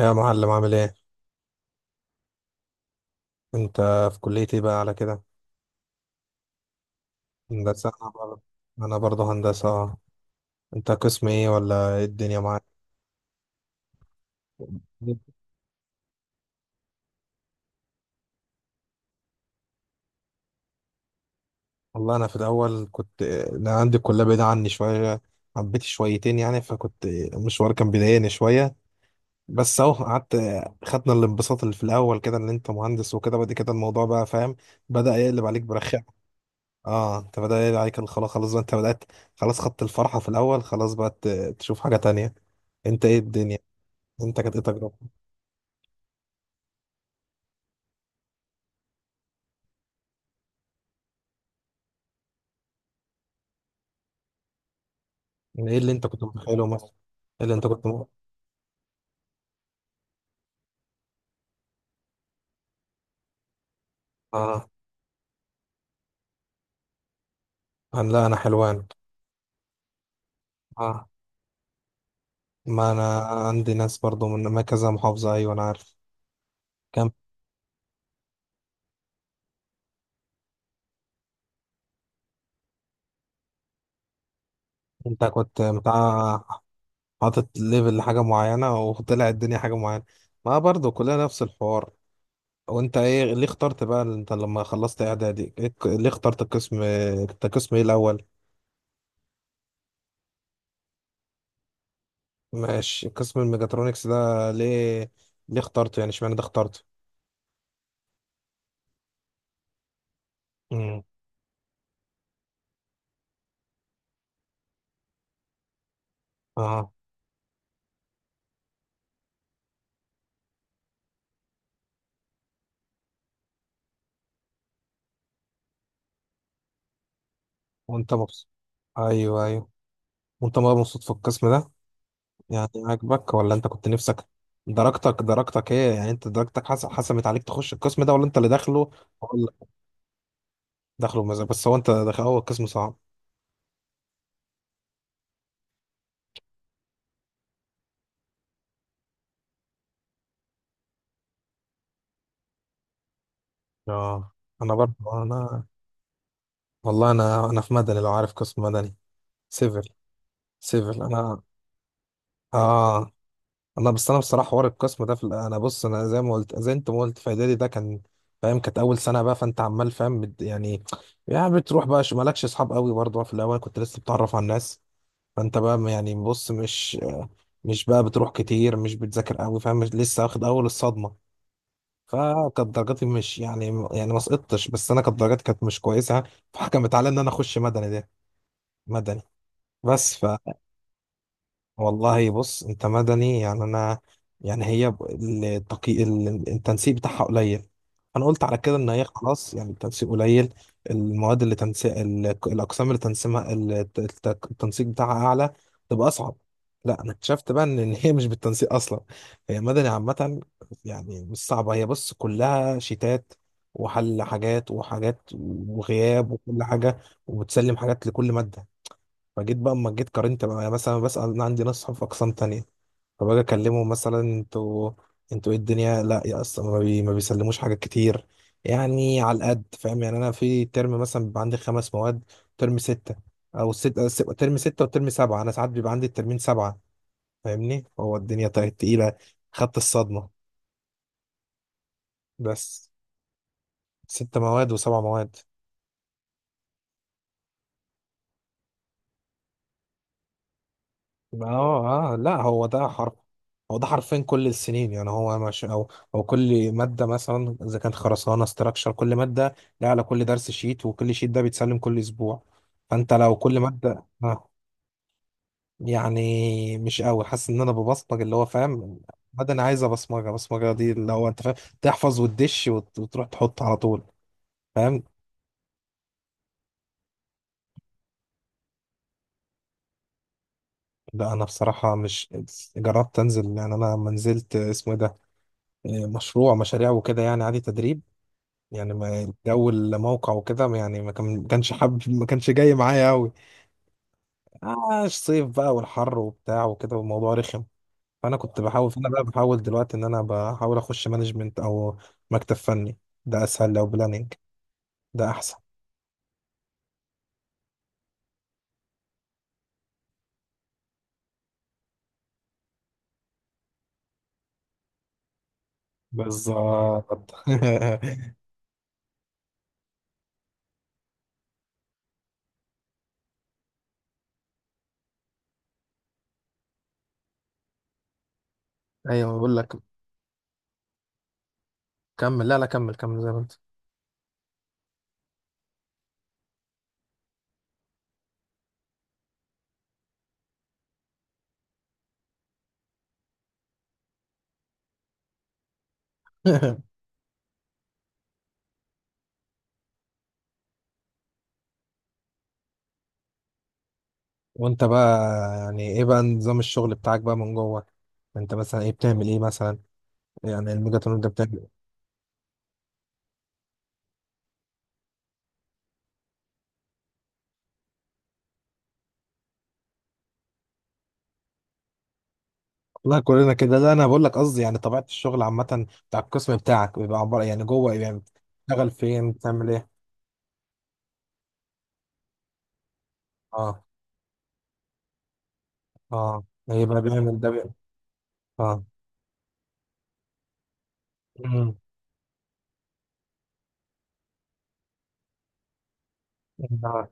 يا معلم، عامل ايه؟ انت، في كلية ايه بقى على كده؟ هندسة، انا برضه هندسة، اه. انت قسم ايه، ولا ايه الدنيا معاك؟ والله انا في الاول انا عندي الكلية بعيدة عني شوية، حبيت شويتين يعني، المشوار كان بيضايقني شوية. بس اهو قعدت. خدنا الانبساط اللي في الاول كده ان انت مهندس وكده، بعد كده الموضوع بقى، فاهم، بدأ يقلب عليك برخامة. اه انت بدأ يقلب عليك خلاص خلاص بقى، انت بدأت خلاص، خدت الفرحة في الاول، خلاص بقى تشوف حاجة تانية. انت، ايه الدنيا؟ انت كانت ايه تجربتك؟ يعني ايه اللي انت كنت متخيله مثلا؟ ايه اللي انت كنت اه، انا، لا، انا حلوان. اه، ما انا عندي ناس برضو من ما كذا محافظة. ايوه، انا عارف. كم؟ انت كنت بتاع، حاطط ليفل لحاجة معينة وطلع الدنيا حاجة معينة. ما برضو كلنا نفس الحوار. وانت، ايه، ليه اخترت بقى، انت لما خلصت اعدادي، ايه، ليه اخترت القسم؟ انت قسم ايه الاول؟ ماشي، قسم الميجاترونكس ده ليه اخترته يعني، اشمعنى ده اخترته؟ امم. اه، وانت مبسوط؟ ايوه، ايوه. وانت بقى مبسوط في القسم ده؟ يعني عاجبك، ولا انت كنت نفسك؟ درجتك ايه يعني، انت درجتك حسمت عليك تخش القسم ده، ولا انت اللي داخله؟ ولا، داخله بمزاج؟ بس هو انت داخل، هو القسم صعب؟ اه انا برضه، انا. والله انا في مدني، لو عارف قسم مدني. سيفل. سيفل، انا. اه. والله بس انا بصراحه حوار القسم ده انا بص، انا زي ما قلت، زي انت ما قلت، في اعدادي ده كان، فاهم، كانت اول سنه بقى، فانت عمال، فاهم، يعني، يعني بتروح بقى مالكش اصحاب قوي برضه في الاول، كنت لسه بتعرف على الناس، فانت بقى يعني، بص، مش، مش بقى بتروح كتير، مش بتذاكر قوي، فاهم، لسه واخد اول الصدمه. فكانت درجاتي مش يعني ما سقطتش، بس انا كانت درجاتي كانت مش كويسه. فحكمت على ان انا اخش مدني ده، مدني، بس. والله بص، انت مدني يعني، انا يعني هي التنسيق بتاعها قليل. انا قلت على كده ان هي خلاص يعني، التنسيق قليل، المواد اللي تنسيق الاقسام اللي تنسيقها، التنسيق بتاعها اعلى، تبقى اصعب. لا، انا اكتشفت بقى إن هي مش بالتنسيق اصلا، هي مدني عامه. يعني مش صعبه، هي بص، كلها شيتات، وحل حاجات وحاجات، وغياب، وكل حاجه، وبتسلم حاجات لكل ماده. فجيت بقى، اما جيت قارنت بقى، يعني مثلا بسأل، انا عندي ناس صحاب في اقسام تانية، فباجي اكلمهم، مثلا انتوا ايه الدنيا؟ لا يا اصلا، ما بيسلموش حاجات كتير، يعني على القد، فاهم، يعني انا في ترم مثلا بيبقى عندي 5 مواد، ترم 6، او ترم 6 وترم سبعة، انا ساعات بيبقى عندي الترمين سبعة، فاهمني، هو الدنيا طيب تقيلة، خدت الصدمة. بس، 6 مواد وسبع مواد. اه، لا، هو ده حرف، هو ده حرفين كل السنين يعني، هو مش او كل ماده، مثلا اذا كانت خرسانه، استراكشر، كل ماده لها على كل درس شيت، وكل شيت ده بيتسلم كل اسبوع، فانت لو كل ماده يعني مش قوي حاسس ان انا ببصمج، اللي هو، فاهم، ماده انا عايزه بصمجه، بصمجه دي اللي هو، انت فاهم، تحفظ وتدش وتروح تحط على طول، فاهم. لا، انا بصراحه مش، جربت انزل، يعني انا لما نزلت اسمه إيه ده، مشاريع وكده يعني، عادي، تدريب، يعني ما الجو الموقع وكده، يعني ما كانش حابب، ما كانش جاي معايا قوي. اه الصيف بقى والحر وبتاع وكده، والموضوع رخم. فانا بقى بحاول دلوقتي ان انا بحاول اخش مانجمنت، او مكتب فني، ده اسهل، لو بلاننج ده احسن. بالظبط. ايوه، بقول لك، كمل، لا لا، كمل، كمل زي ما انت. وانت بقى، يعني ايه بقى نظام الشغل بتاعك بقى من جوه؟ انت مثلا ايه، بتعمل ايه مثلا؟ يعني الميجاتون ده؟ لا، كلنا كده، لا، انا بقول لك قصدي يعني طبيعه الشغل عامه، بتاع القسم بتاعك بيبقى عباره يعني، جوه يعني، بتشتغل فين، بتعمل ايه؟ اه، اه. يبقى بيعمل ده بيعمل. اه. أمم. آه.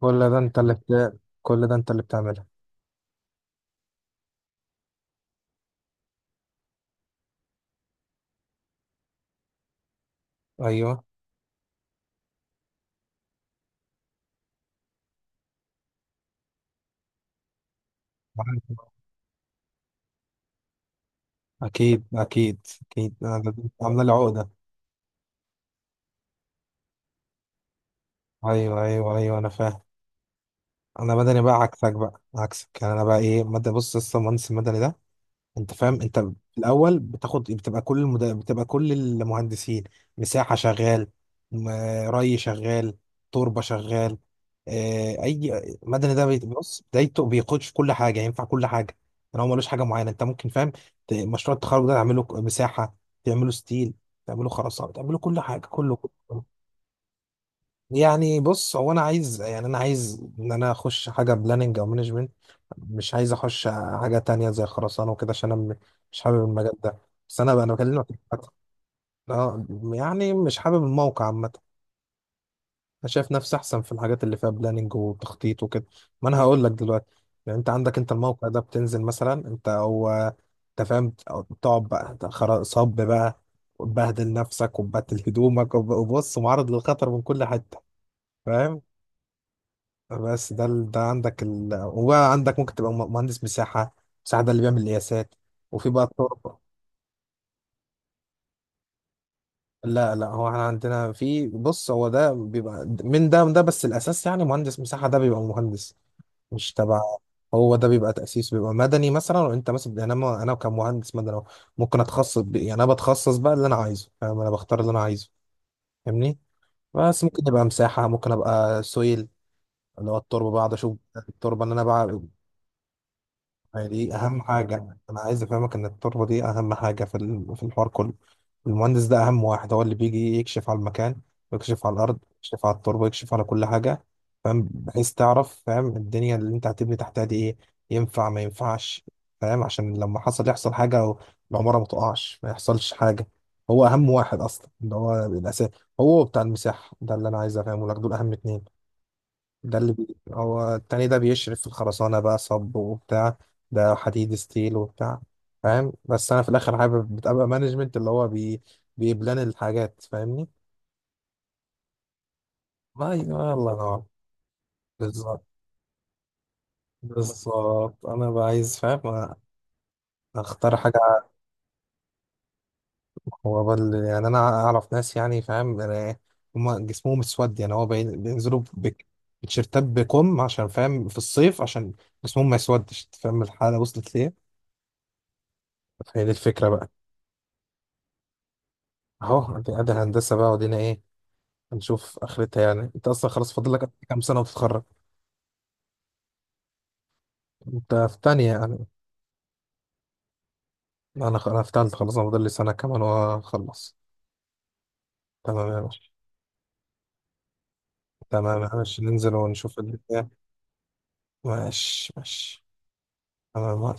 كل ده انت اللي بتعمله؟ ايوه، عارف. اكيد اكيد اكيد، انا ده عامله لي عقده. ايوه، ايوه، ايوه، انا فاهم. انا مدني بقى، عكسك بقى، عكسك يعني، انا بقى ايه، مدني بص، لسه مهندس المدني ده، انت فاهم، انت في الاول بتاخد، بتبقى كل المهندسين، مساحه شغال، م- ري شغال، تربه شغال. اه، اي. مدني ده بص بدايته بيخش في كل حاجه، ينفع كل حاجه، يعني هو ملوش حاجه معينه، انت ممكن، فاهم، مشروع التخرج ده تعمله مساحه، تعمله ستيل، تعمله خرسانه، تعمله كل حاجه، كله كله. يعني بص، هو انا عايز، يعني انا عايز ان انا اخش حاجه بلاننج او مانجمنت، مش عايز اخش حاجه تانية زي خرسانه وكده، عشان انا مش حابب المجال ده. بس انا بقى، انا بكلمك عامة. اه، يعني مش حابب الموقع عامه، انا شايف نفسي احسن في الحاجات اللي فيها بلاننج وتخطيط وكده. ما انا هقول لك دلوقتي، يعني انت عندك، انت الموقع ده بتنزل مثلا، انت هو، انت فاهم، أو تقعد بقى أنت صب بقى، وتبهدل نفسك، وتبهدل هدومك، وبص معرض للخطر من كل حته، فاهم. بس ده ده عندك وبقى عندك ممكن تبقى مهندس مساحة. مساحة ده اللي بيعمل القياسات، وفي بقى الطرق. لا لا، هو احنا عندنا في، بص، هو ده بيبقى من ده، من ده، بس الأساس يعني، مهندس مساحة ده بيبقى مهندس، مش تبع. هو ده بيبقى تأسيس، بيبقى مدني مثلا، وانت مثلا يعني، انا انا كمهندس مدني ممكن اتخصص يعني انا بتخصص بقى اللي انا عايزه، فاهم، انا بختار اللي انا عايزه، فاهمني، بس ممكن يبقى مساحة، ممكن ابقى سويل، اللي هو التربة، بقعد اشوف التربة، اللي انا بقى، ما هي دي اهم حاجه، انا عايز افهمك ان التربه دي اهم حاجه في الحوار كله. المهندس ده اهم واحد، هو اللي بيجي يكشف على المكان، ويكشف على الارض، يكشف على التربه، يكشف على كل حاجه، فاهم، بحيث تعرف، فاهم، الدنيا اللي انت هتبني تحتها دي ايه، ينفع ما ينفعش، فاهم، عشان لما يحصل حاجه، او العماره ما تقعش، ما يحصلش حاجه. هو اهم واحد اصلا، اللي هو الاساس، هو بتاع المساحه ده، اللي انا عايز افهمه لك، دول اهم اتنين. هو التاني ده بيشرف في الخرسانة بقى، صب وبتاع، ده حديد ستيل وبتاع، فاهم. بس أنا في الآخر حابب بتبقى مانجمنت، اللي هو بيبلان الحاجات، فاهمني. أيوة، الله ينور. بالظبط، بالظبط، أنا بقى عايز، فاهم، أختار حاجة. يعني أنا أعرف ناس، يعني فاهم، أنا، هما جسمهم اسود يعني، هو بينزلوا بتيشيرتات بكم عشان، فاهم، في الصيف، عشان جسمهم ما يسودش، فاهم الحالة وصلت ليه. فهي دي الفكرة بقى. اهو، ادي ادي الهندسه بقى ودينا ايه، هنشوف اخرتها يعني، انت اصلا خلاص فاضل لك كام سنه وتتخرج. انت في تانية يعني؟ انا انا في تالتة، خلاص انا فاضل لي سنه كمان واخلص. تمام يا باشا. تمام يا باشا، ننزل ونشوف الدنيا. ماشي، ماشي. تمام.